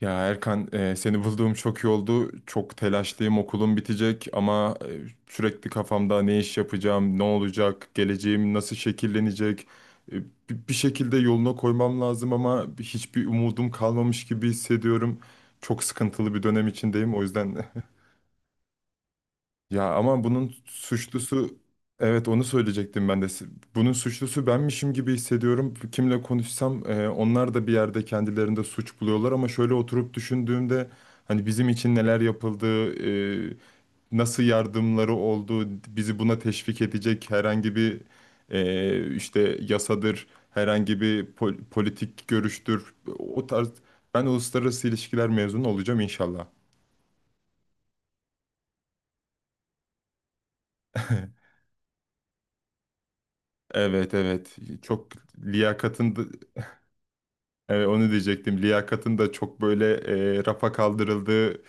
Ya Erkan, seni bulduğum çok iyi oldu. Çok telaşlıyım, okulum bitecek ama sürekli kafamda ne iş yapacağım, ne olacak, geleceğim nasıl şekillenecek. E, bi- Bir şekilde yoluna koymam lazım ama hiçbir umudum kalmamış gibi hissediyorum. Çok sıkıntılı bir dönem içindeyim, o yüzden ya ama bunun suçlusu evet onu söyleyecektim ben de. Bunun suçlusu benmişim gibi hissediyorum. Kimle konuşsam onlar da bir yerde kendilerinde suç buluyorlar ama şöyle oturup düşündüğümde hani bizim için neler yapıldı, e, nasıl yardımları oldu, bizi buna teşvik edecek herhangi bir işte yasadır, herhangi bir politik görüştür. O tarz ben uluslararası ilişkiler mezunu olacağım inşallah. Evet evet, çok liyakatın. Evet, onu diyecektim. Liyakatın da çok böyle, rafa kaldırıldığı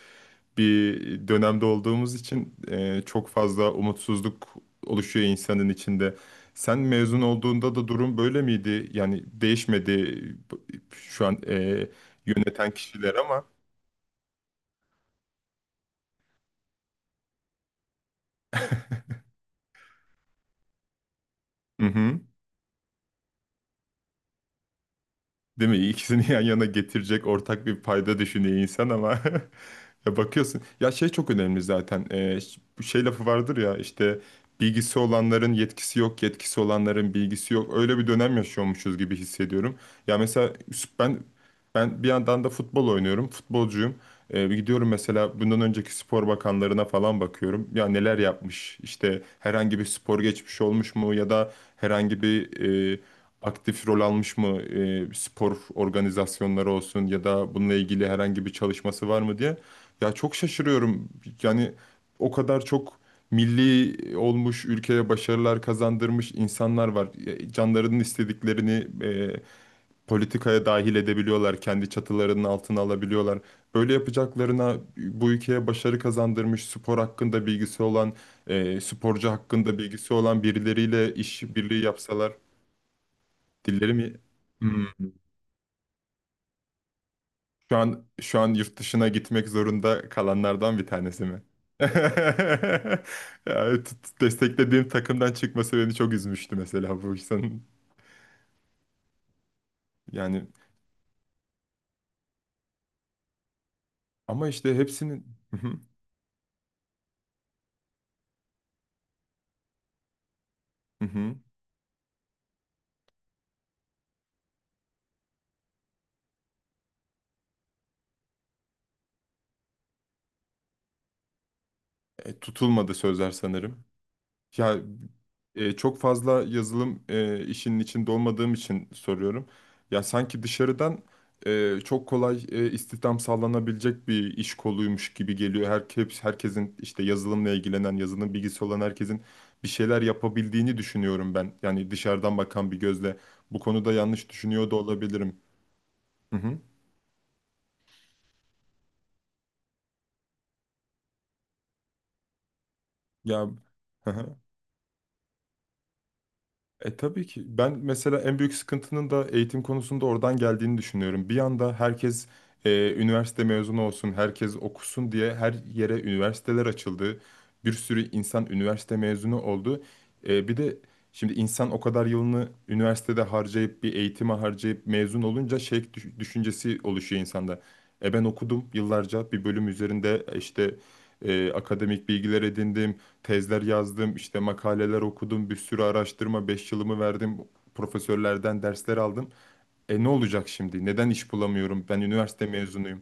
bir dönemde olduğumuz için çok fazla umutsuzluk oluşuyor insanın içinde. Sen mezun olduğunda da durum böyle miydi? Yani değişmedi bu- şu an yöneten kişiler ama. Hı hı. Değil mi? İkisini yan yana getirecek ortak bir payda düşünüyor insan ama ya bakıyorsun. Ya şey çok önemli zaten. Bu şey lafı vardır ya işte bilgisi olanların yetkisi yok, yetkisi olanların bilgisi yok. Öyle bir dönem yaşıyormuşuz gibi hissediyorum. Ya mesela ben, bir yandan da futbol oynuyorum, futbolcuyum. Bir gidiyorum mesela bundan önceki spor bakanlarına falan bakıyorum. Ya neler yapmış? İşte herhangi bir spor geçmiş olmuş mu ya da herhangi bir e, aktif rol almış mı, spor organizasyonları olsun ya da bununla ilgili herhangi bir çalışması var mı diye. Ya çok şaşırıyorum. Yani o kadar çok milli olmuş, ülkeye başarılar kazandırmış insanlar var. Ya canlarının istediklerini politikaya dahil edebiliyorlar, kendi çatılarının altına alabiliyorlar. Böyle yapacaklarına bu ülkeye başarı kazandırmış, spor hakkında bilgisi olan, sporcu hakkında bilgisi olan birileriyle iş birliği yapsalar, dilleri mi? Hmm. Şu an, şu an yurt dışına gitmek zorunda kalanlardan bir tanesi mi? Yani desteklediğim takımdan çıkması beni çok üzmüştü mesela bu insanın. Yani ama işte hepsinin. Hı hı, hı hı. E, tutulmadı sözler sanırım. Ya, çok fazla yazılım, işinin içinde olmadığım için soruyorum. Ya sanki dışarıdan çok kolay istihdam sağlanabilecek bir iş koluymuş gibi geliyor. Herkes, herkesin işte yazılımla ilgilenen, yazılım bilgisi olan herkesin bir şeyler yapabildiğini düşünüyorum ben. Yani dışarıdan bakan bir gözle bu konuda yanlış düşünüyor da olabilirim. Hı hı. Ya e tabii ki. Ben mesela en büyük sıkıntının da eğitim konusunda oradan geldiğini düşünüyorum. Bir anda herkes üniversite mezunu olsun, herkes okusun diye her yere üniversiteler açıldı. Bir sürü insan üniversite mezunu oldu. E, bir de şimdi insan o kadar yılını üniversitede harcayıp, bir eğitime harcayıp mezun olunca şey düşüncesi oluşuyor insanda. E, ben okudum yıllarca bir bölüm üzerinde, işte akademik bilgiler edindim, tezler yazdım, işte makaleler okudum, bir sürü araştırma, 5 yılımı verdim, profesörlerden dersler aldım. E, ne olacak şimdi? Neden iş bulamıyorum? Ben üniversite mezunuyum.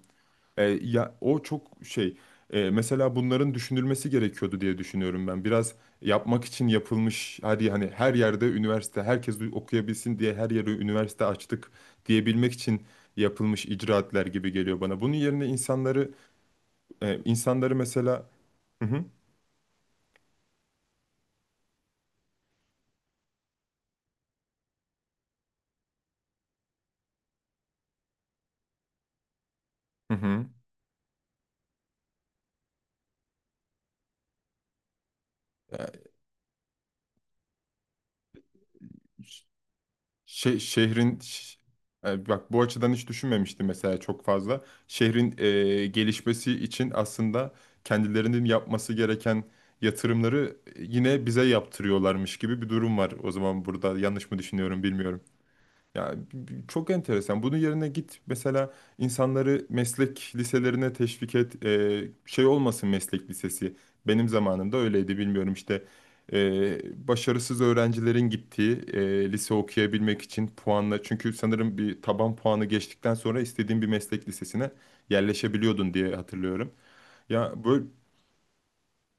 E, ya o çok şey. Mesela bunların düşünülmesi gerekiyordu diye düşünüyorum ben. Biraz yapmak için yapılmış. Hadi hani her yerde üniversite, herkes okuyabilsin diye her yere üniversite açtık diyebilmek için yapılmış icraatler gibi geliyor bana. Bunun yerine insanları insanları mesela. Hı hı. Hı hı. Şe- şehrin ş- Bak, bu açıdan hiç düşünmemiştim mesela çok fazla. Şehrin gelişmesi için aslında kendilerinin yapması gereken yatırımları yine bize yaptırıyorlarmış gibi bir durum var. O zaman burada yanlış mı düşünüyorum bilmiyorum. Ya çok enteresan. Bunun yerine git mesela, insanları meslek liselerine teşvik et. Şey olmasın meslek lisesi. Benim zamanımda öyleydi, bilmiyorum işte. Başarısız öğrencilerin gittiği, lise okuyabilmek için puanla. Çünkü sanırım bir taban puanı geçtikten sonra istediğin bir meslek lisesine yerleşebiliyordun diye hatırlıyorum. Ya böyle,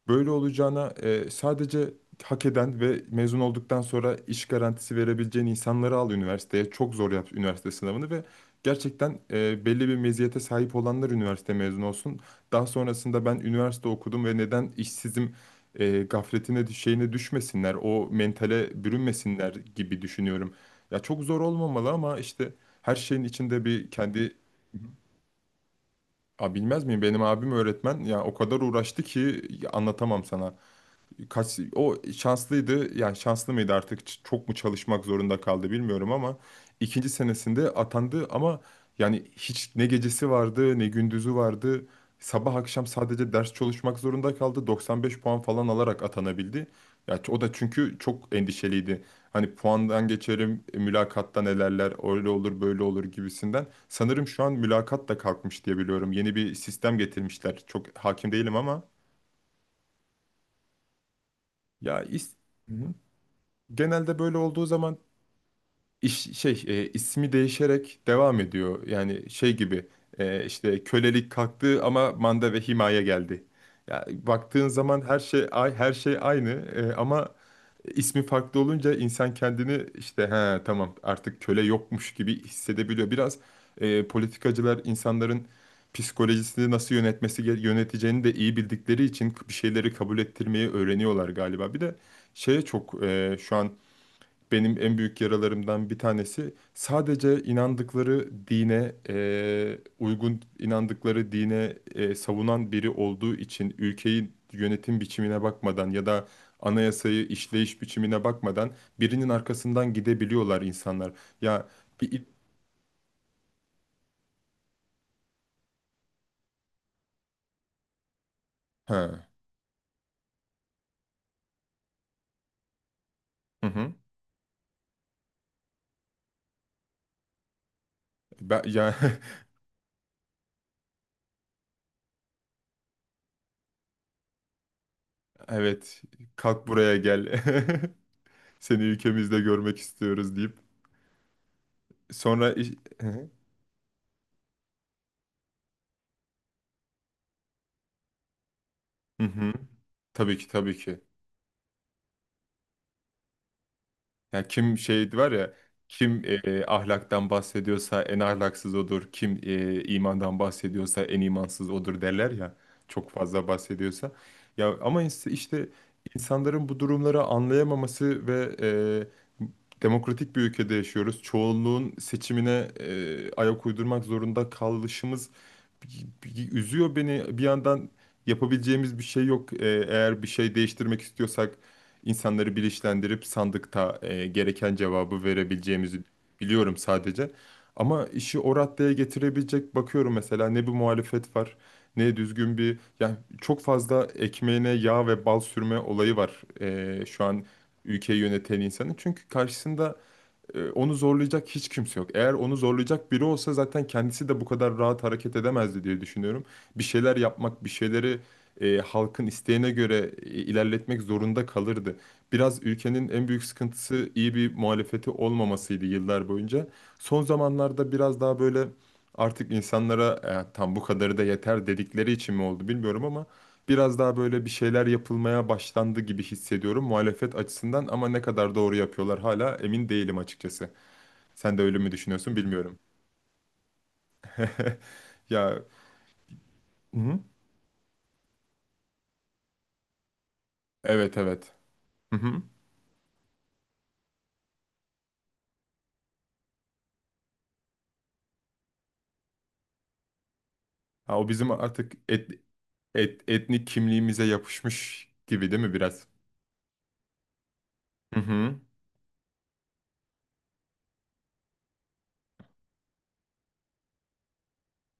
böyle olacağına sadece hak eden ve mezun olduktan sonra iş garantisi verebileceğin insanları al üniversiteye. Çok zor yap üniversite sınavını ve gerçekten belli bir meziyete sahip olanlar üniversite mezunu olsun. Daha sonrasında ben üniversite okudum ve neden işsizim gafletine şeyine düşmesinler, o mentale bürünmesinler gibi düşünüyorum. Ya çok zor olmamalı ama işte her şeyin içinde bir kendi... A, bilmez miyim? Benim abim öğretmen. Ya o kadar uğraştı ki, anlatamam sana, kaç o şanslıydı yani, şanslı mıydı artık, çok mu çalışmak zorunda kaldı bilmiyorum ama ikinci senesinde atandı. Ama yani hiç ne gecesi vardı ne gündüzü vardı, sabah akşam sadece ders çalışmak zorunda kaldı, 95 puan falan alarak atanabildi. Ya o da çünkü çok endişeliydi, hani puandan geçerim, mülakatta nelerler öyle olur böyle olur gibisinden. Sanırım şu an mülakat da kalkmış diye biliyorum, yeni bir sistem getirmişler, çok hakim değilim ama ya is, hı. Genelde böyle olduğu zaman iş, şey, ismi değişerek devam ediyor. Yani şey gibi, işte kölelik kalktı ama manda ve himaye geldi. Ya baktığın zaman her şey, ay, her şey aynı, ama ismi farklı olunca insan kendini işte he tamam artık köle yokmuş gibi hissedebiliyor. Biraz politikacılar insanların psikolojisini nasıl yönetmesi yöneteceğini de iyi bildikleri için bir şeyleri kabul ettirmeyi öğreniyorlar galiba. Bir de şeye çok, şu an benim en büyük yaralarımdan bir tanesi, sadece inandıkları dine uygun, inandıkları dine savunan biri olduğu için ülkeyi yönetim biçimine bakmadan ya da anayasayı işleyiş biçimine bakmadan birinin arkasından gidebiliyorlar insanlar. Ya bir ha. Hı hı. Ben, ya evet, kalk buraya gel. Seni ülkemizde görmek istiyoruz deyip sonra iş-. Hı hı. Hı hı. Tabii ki, tabii ki. Ya kim şey var ya, kim ahlaktan bahsediyorsa en ahlaksız odur. Kim imandan bahsediyorsa en imansız odur derler ya. Çok fazla bahsediyorsa. Ya ama işte insanların bu durumları anlayamaması ve e, demokratik bir ülkede yaşıyoruz. Çoğunluğun seçimine ayak uydurmak zorunda kalışımız üzüyor beni. Bir yandan yapabileceğimiz bir şey yok. E, eğer bir şey değiştirmek istiyorsak insanları bilinçlendirip sandıkta gereken cevabı verebileceğimizi biliyorum sadece. Ama işi o raddeye getirebilecek, bakıyorum mesela, ne bir muhalefet var ne düzgün bir, yani çok fazla ekmeğine yağ ve bal sürme olayı var şu an ülkeyi yöneten insanın. Çünkü karşısında onu zorlayacak hiç kimse yok. Eğer onu zorlayacak biri olsa zaten kendisi de bu kadar rahat hareket edemezdi diye düşünüyorum. Bir şeyler yapmak, bir şeyleri halkın isteğine göre ilerletmek zorunda kalırdı. Biraz ülkenin en büyük sıkıntısı iyi bir muhalefeti olmamasıydı yıllar boyunca. Son zamanlarda biraz daha böyle, artık insanlara "E, tam bu kadarı da yeter" dedikleri için mi oldu bilmiyorum ama biraz daha böyle bir şeyler yapılmaya başlandı gibi hissediyorum muhalefet açısından. Ama ne kadar doğru yapıyorlar hala emin değilim açıkçası. Sen de öyle mi düşünüyorsun bilmiyorum. Ya, hı hı. Evet evet. Hı hı. Ha, o bizim artık etnik kimliğimize yapışmış gibi değil mi biraz? Hı hı.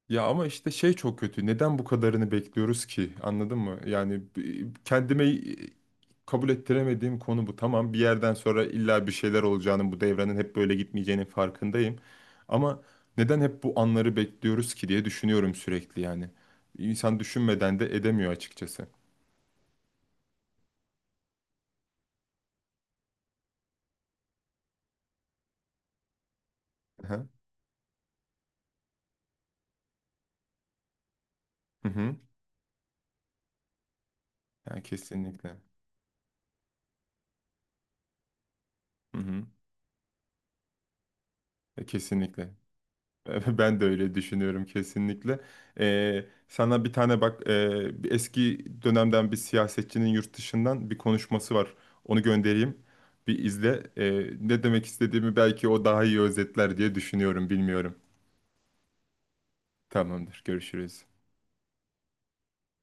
Ya ama işte şey çok kötü. Neden bu kadarını bekliyoruz ki? Anladın mı? Yani kendime kabul ettiremediğim konu bu. Tamam, bir yerden sonra illa bir şeyler olacağının, bu devrenin hep böyle gitmeyeceğinin farkındayım. Ama neden hep bu anları bekliyoruz ki diye düşünüyorum sürekli yani. İnsan düşünmeden de edemiyor açıkçası. Hı hı. Hı hı. Yani kesinlikle. Hı hı. E, kesinlikle. Ben de öyle düşünüyorum kesinlikle. Sana bir tane bak, bir eski dönemden bir siyasetçinin yurt dışından bir konuşması var. Onu göndereyim. Bir izle. Ne demek istediğimi belki o daha iyi özetler diye düşünüyorum. Bilmiyorum. Tamamdır. Görüşürüz.